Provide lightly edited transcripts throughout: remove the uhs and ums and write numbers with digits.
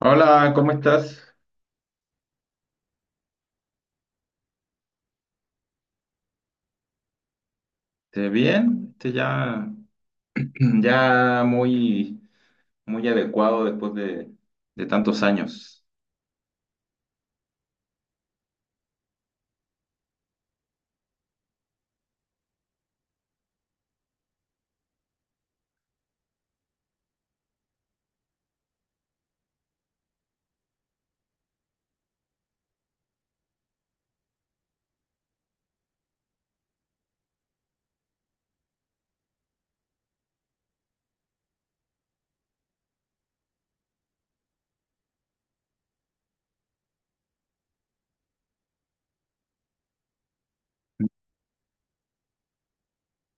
Hola, ¿cómo estás? ¿Te bien? Este ya, ya muy, muy adecuado después de tantos años.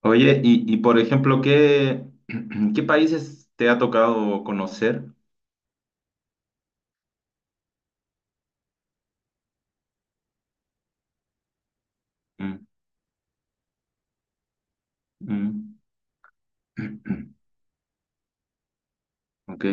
Oye, y por ejemplo, ¿ qué países te ha tocado conocer? Mm, mm, ok,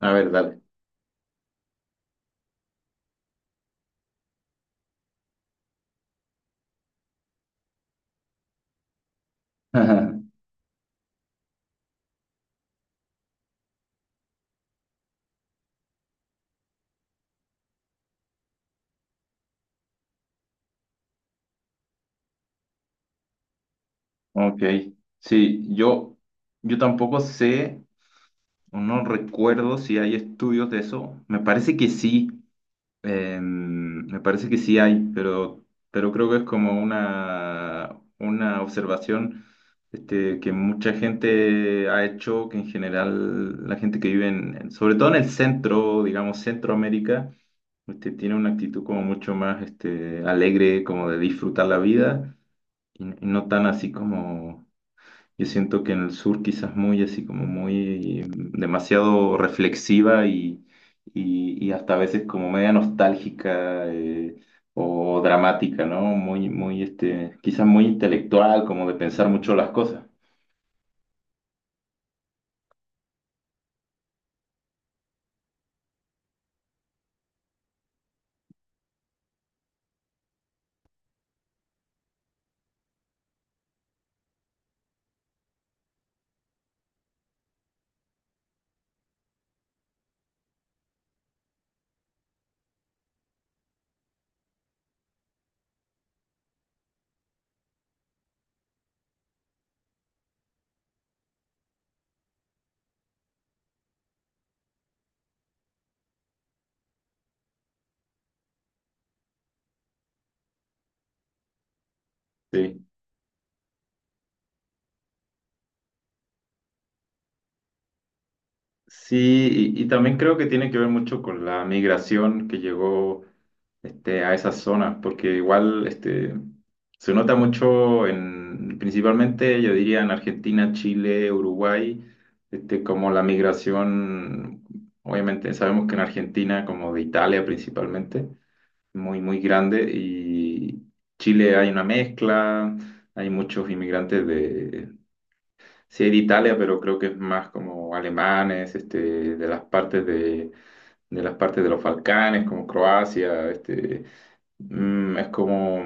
a ver, dale. Ok, sí, yo tampoco sé o no recuerdo si hay estudios de eso. Me parece que sí. Me parece que sí hay, pero creo que es como una observación este, que mucha gente ha hecho, que en general la gente que vive sobre todo en el centro, digamos Centroamérica, este, tiene una actitud como mucho más este, alegre, como de disfrutar la vida, y no tan así como yo siento que en el sur quizás muy así como muy demasiado reflexiva y hasta a veces como media nostálgica o dramática, ¿no? Muy, muy, este, quizás muy intelectual, como de pensar mucho las cosas. Sí. Sí, y también creo que tiene que ver mucho con la migración que llegó este, a esas zonas, porque igual este, se nota mucho en, principalmente yo diría en Argentina, Chile, Uruguay, este, como la migración, obviamente sabemos que en Argentina, como de Italia principalmente, muy, muy grande, y Chile hay una mezcla, hay muchos inmigrantes. Sí, de Italia, pero creo que es más como alemanes, este, de las partes de las partes de los Balcanes, como Croacia, este, es como,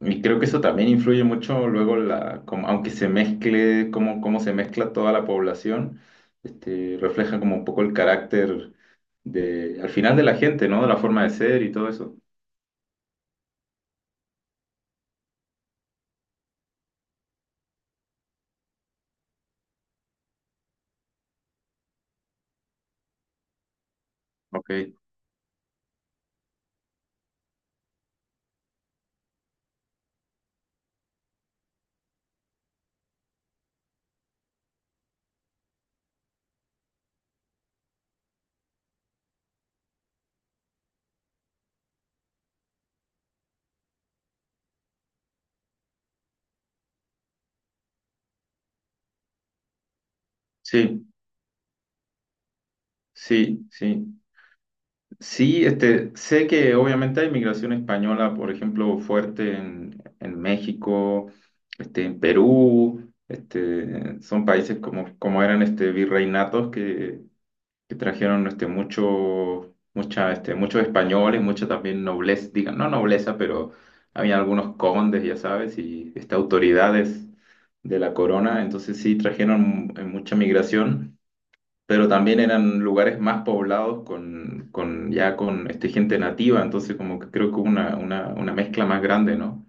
y creo que eso también influye mucho luego la, como- aunque se mezcle, cómo se mezcla toda la población, este, refleja como un poco el carácter de, al final de la gente, ¿no? De la forma de ser y todo eso. Ok, sí, sí, sí. Sí, este, sé que obviamente hay migración española, por ejemplo, fuerte en México, este, en Perú, este, son países como, como eran este, virreinatos que trajeron este, mucho, mucha, este, muchos españoles, mucha también nobleza, digan, no nobleza, pero había algunos condes, ya sabes, y este, autoridades de la corona, entonces sí trajeron mucha migración, pero también eran lugares más poblados con ya con este, gente nativa, entonces como que creo que hubo una mezcla más grande, ¿no?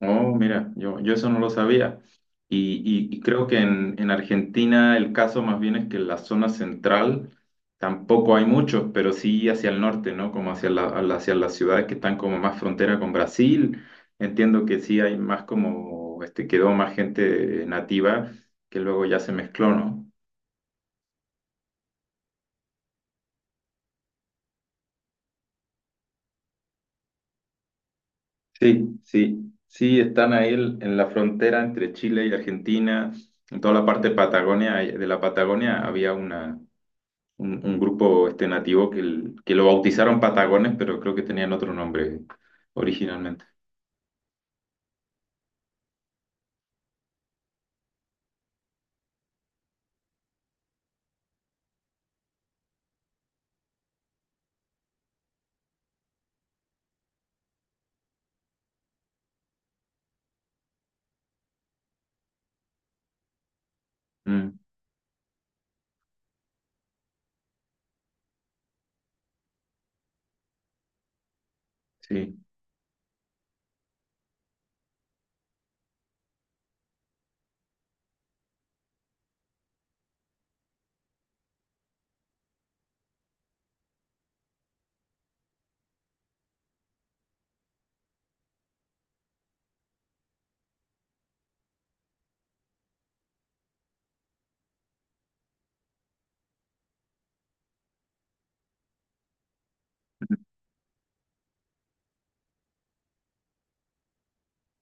Oh, mira, yo eso no lo sabía. Y creo que en Argentina el caso más bien es que en la zona central tampoco hay muchos, pero sí hacia el norte, ¿no? Como hacia la- a la- hacia las ciudades que están como más frontera con Brasil. Entiendo que sí hay más como, este, quedó más gente nativa que luego ya se mezcló, ¿no? Sí, sí, sí, están ahí el- en la frontera entre Chile y Argentina, en toda la parte Patagonia, de la Patagonia había un grupo este nativo que, el- que lo bautizaron Patagones, pero creo que tenían otro nombre originalmente. Mm, sí,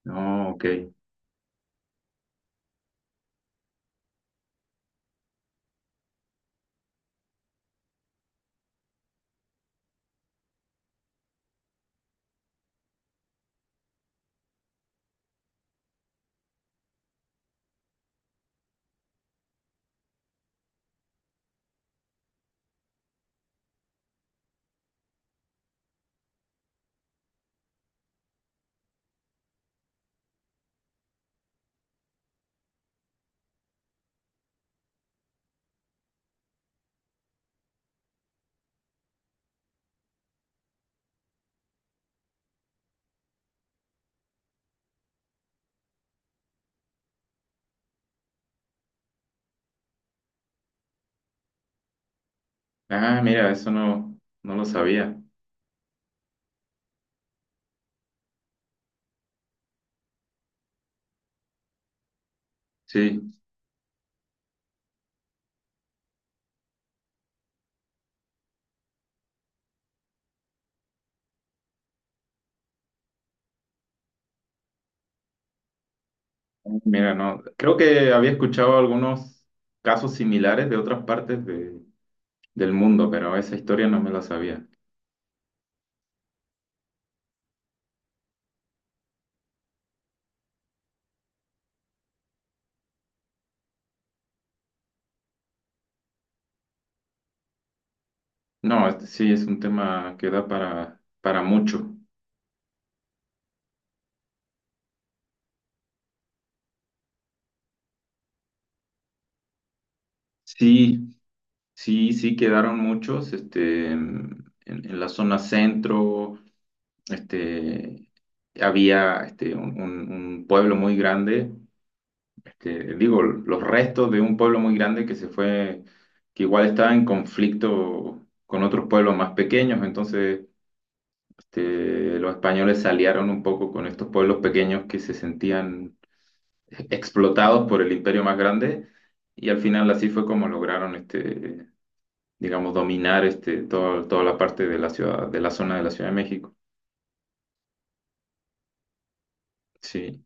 no, ok. Ah, mira, eso no, no lo sabía. Sí, mira, no. Creo que había escuchado algunos casos similares de otras partes de- del mundo, pero esa historia no me la sabía. No, este sí es un tema que da para mucho. Sí, sí, sí quedaron muchos, este, en la zona centro, este, había este, un pueblo muy grande, este, digo, los restos de un pueblo muy grande que se fue, que igual estaba en conflicto con otros pueblos más pequeños, entonces este, los españoles se aliaron un poco con estos pueblos pequeños que se sentían explotados por el imperio más grande y al final así fue como lograron este, digamos, dominar este, toda la parte de la ciudad, de la zona de la Ciudad de México. Sí,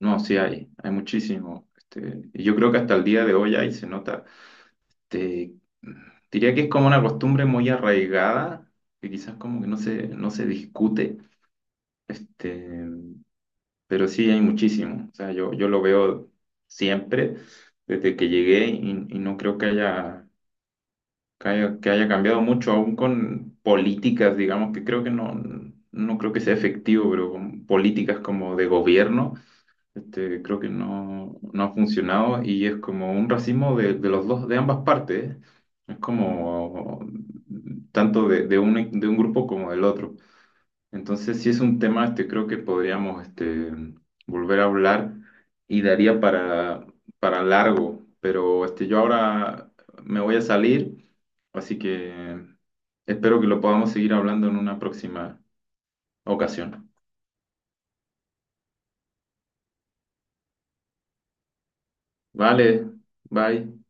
no, sí hay muchísimo. Este, y yo creo que hasta el día de hoy ahí se nota. Este, diría que es como una costumbre muy arraigada, que quizás como que no se discute, este, pero sí hay muchísimo. O sea, yo lo veo siempre desde que llegué y no creo que haya que haya cambiado mucho, aún con políticas, digamos, que creo que no, no creo que sea efectivo, pero con políticas como de gobierno, este, creo que no, no ha funcionado y es como un racismo de los dos, de ambas partes, ¿eh? Es como tanto de un grupo como del otro. Entonces, si es un tema, este, creo que podríamos, este, volver a hablar y daría para largo, pero este, yo ahora me voy a salir. Así que espero que lo podamos seguir hablando en una próxima ocasión. Vale, bye.